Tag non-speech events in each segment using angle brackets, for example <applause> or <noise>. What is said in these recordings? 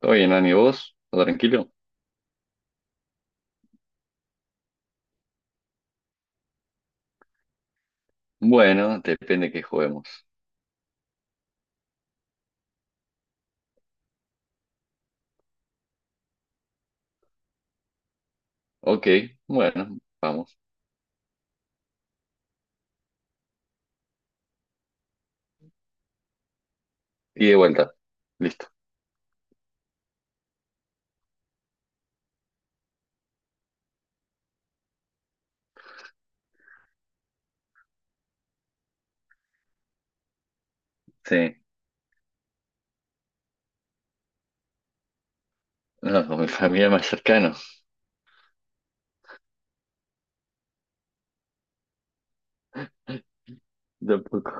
¿Todo bien, Ani? ¿Vos? ¿Todo tranquilo? Bueno, depende que juguemos. Ok, bueno, vamos. Y de vuelta. Listo. Sí. No, <laughs> con mi familia más cercana. Tampoco.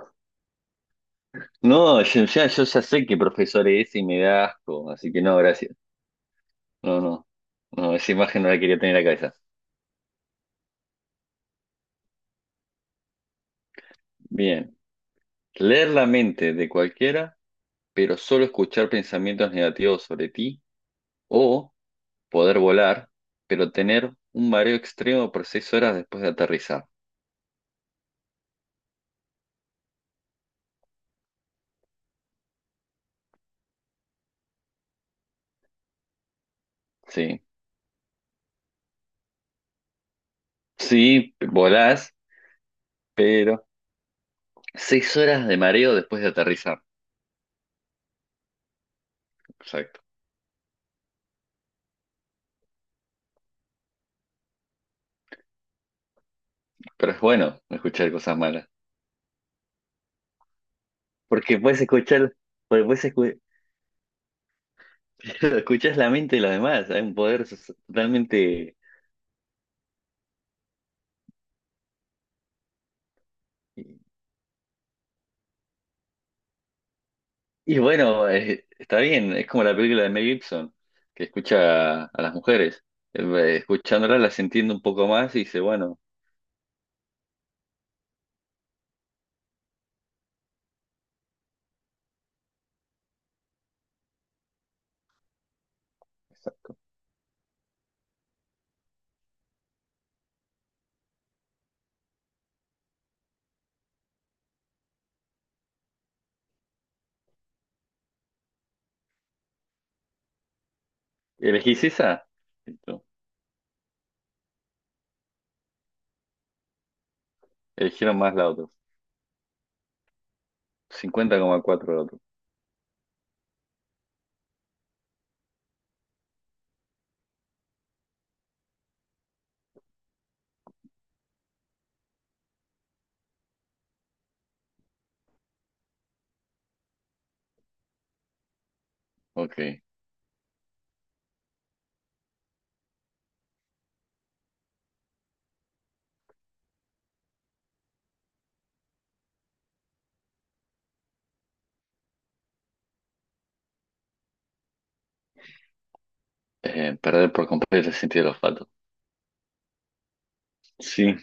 No, yo ya sé que profesor es y me da asco, así que no, gracias. No, no. No, esa imagen no la quería tener en la cabeza. Bien. Leer la mente de cualquiera, pero solo escuchar pensamientos negativos sobre ti, o poder volar, pero tener un mareo extremo por 6 horas después de aterrizar. Sí. Sí, volás, pero 6 horas de mareo después de aterrizar. Exacto. Pero es bueno escuchar cosas malas. Porque puedes escuchar, porque <laughs> escuchás la mente de los demás. Hay un totalmente. Y bueno, está bien. Es como la película de Mel Gibson, que escucha a las mujeres. Escuchándolas las entiende un poco más y dice, bueno, ¿elegís esa? Listo. Eligieron más la otra. 50,4 la otra. Ok. Perder por completo el sentido del olfato. Sí,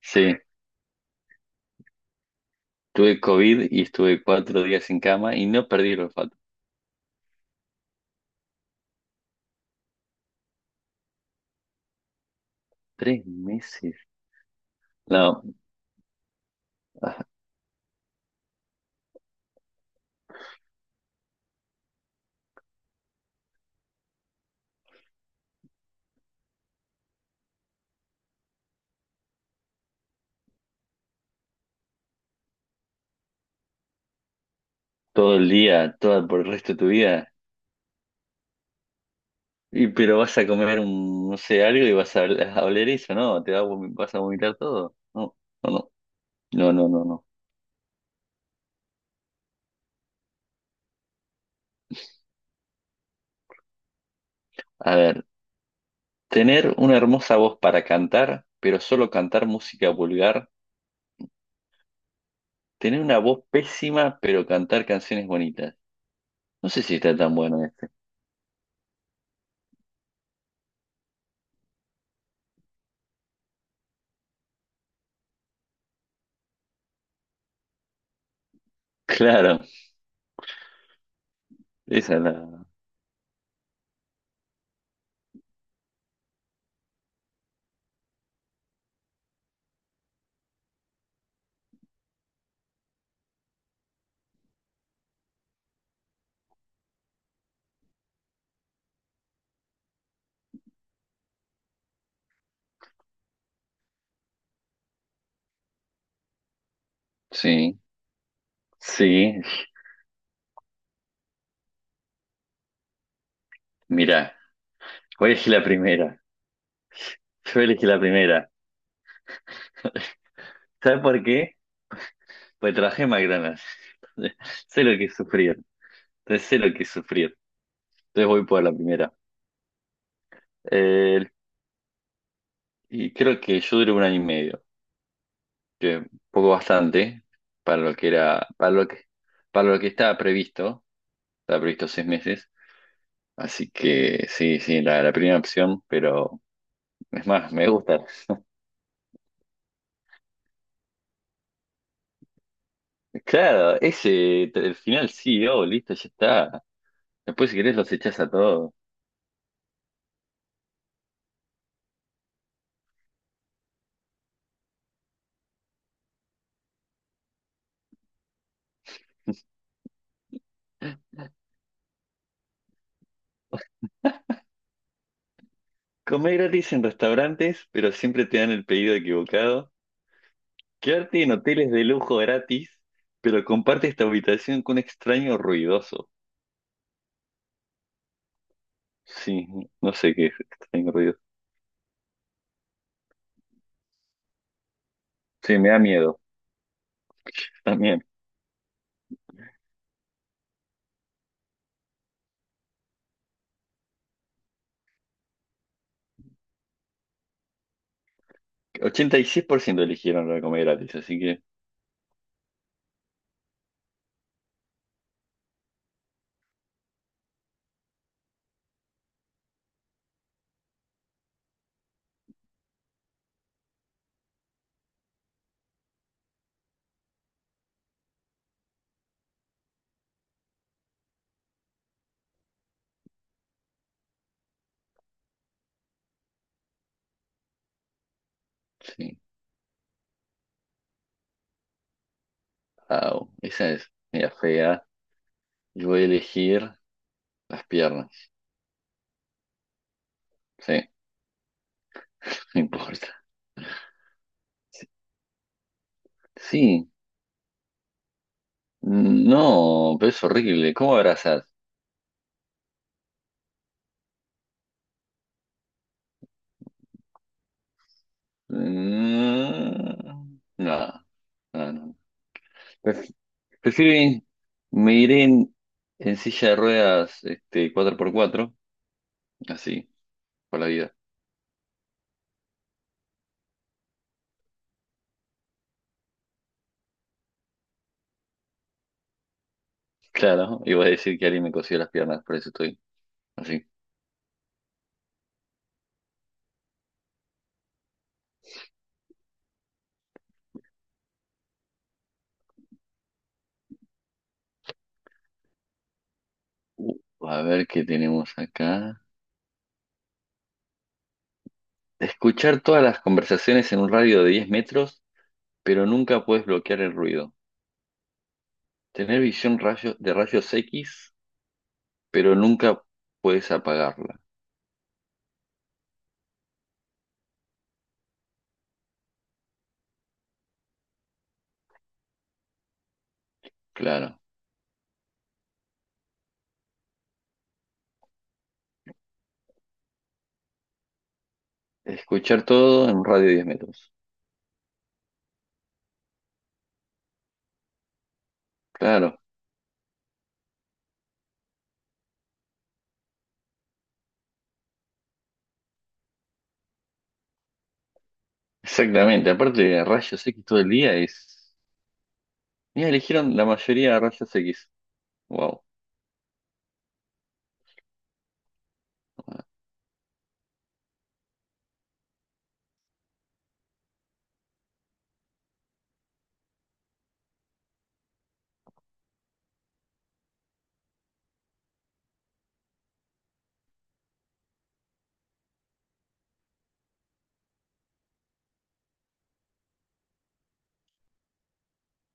sí. Tuve COVID y estuve 4 días en cama y no perdí el olfato. 3 meses. No, ah, todo el día, todo por el resto de tu vida. Y, pero vas a comer un, no sé, algo y vas a oler eso, ¿no? Te va a vas a vomitar todo. No, no, no, no, no, no, no. A ver, tener una hermosa voz para cantar, pero solo cantar música vulgar. Tener una voz pésima, pero cantar canciones bonitas. No sé si está tan bueno este. <laughs> Claro. Esa es la... Sí, sí. Mira, voy a elegir la primera. Yo elegí la primera. ¿Sabes por qué? Pues trabajé en McDonald's. <laughs> Sé lo que es sufrir. Entonces sé lo que es sufrir. Entonces voy por la primera. Eh, y creo que yo duré 1 año y medio. Que un poco bastante para lo que era, para lo que estaba previsto. Estaba previsto 6 meses. Así que sí, sí, la primera opción, pero es más, me gusta. Claro, ese, el final sí, oh, listo, ya está. Después si querés los echás a todos. Comer gratis en restaurantes, pero siempre te dan el pedido equivocado. Quedarte en hoteles de lujo gratis, pero comparte esta habitación con un extraño ruidoso. Sí, no sé qué es extraño ruidoso. Sí, me da miedo. También. 86% eligieron la de comer gratis, así que sí. Au, esa es media fea. Yo voy a elegir las piernas. Sí, no importa. Sí, mm, no, pero es horrible. ¿Cómo abrazas? Mm, no, no, no. Pref- Prefiero ir- me iré en silla de ruedas este, cuatro por cuatro, así, por la vida. <laughs> Claro, iba a decir que alguien me cosió las piernas, por eso estoy así. Uh, a ver qué tenemos acá. Escuchar todas las conversaciones en un radio de 10 metros, pero nunca puedes bloquear el ruido. Tener visión de rayos X, pero nunca puedes apagarla. Claro, escuchar todo en un radio de 10 metros. Claro, exactamente. Aparte, de rayos X todo el día es... Mira, eligieron la mayoría a rayos X. Wow.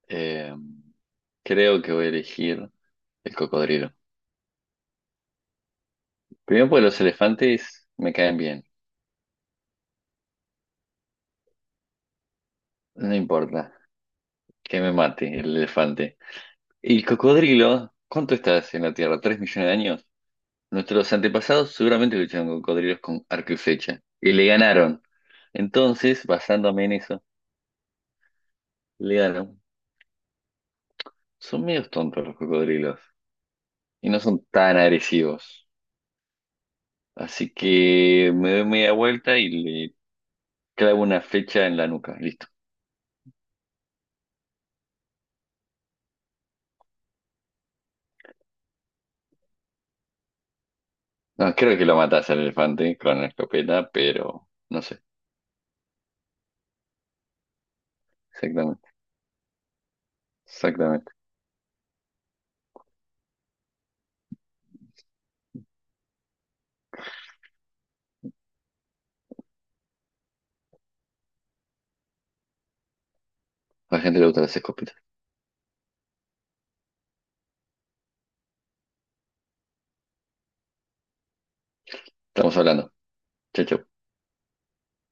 Eh, creo que voy a elegir el cocodrilo. Primero porque los elefantes me caen bien. No importa que me mate el elefante. Y el cocodrilo, ¿cuánto estás en la Tierra? ¿3 millones de años? Nuestros antepasados seguramente lucharon con cocodrilos con arco y flecha. Y le ganaron. Entonces, basándome en eso, le ganaron. Son medios tontos los cocodrilos y no son tan agresivos. Así que me doy media vuelta y le clavo una flecha en la nuca. Listo. No, creo que lo matas al elefante con una escopeta, pero no sé exactamente. Exactamente. A la gente le gustan las escopetas. Estamos hablando. Chao, chao.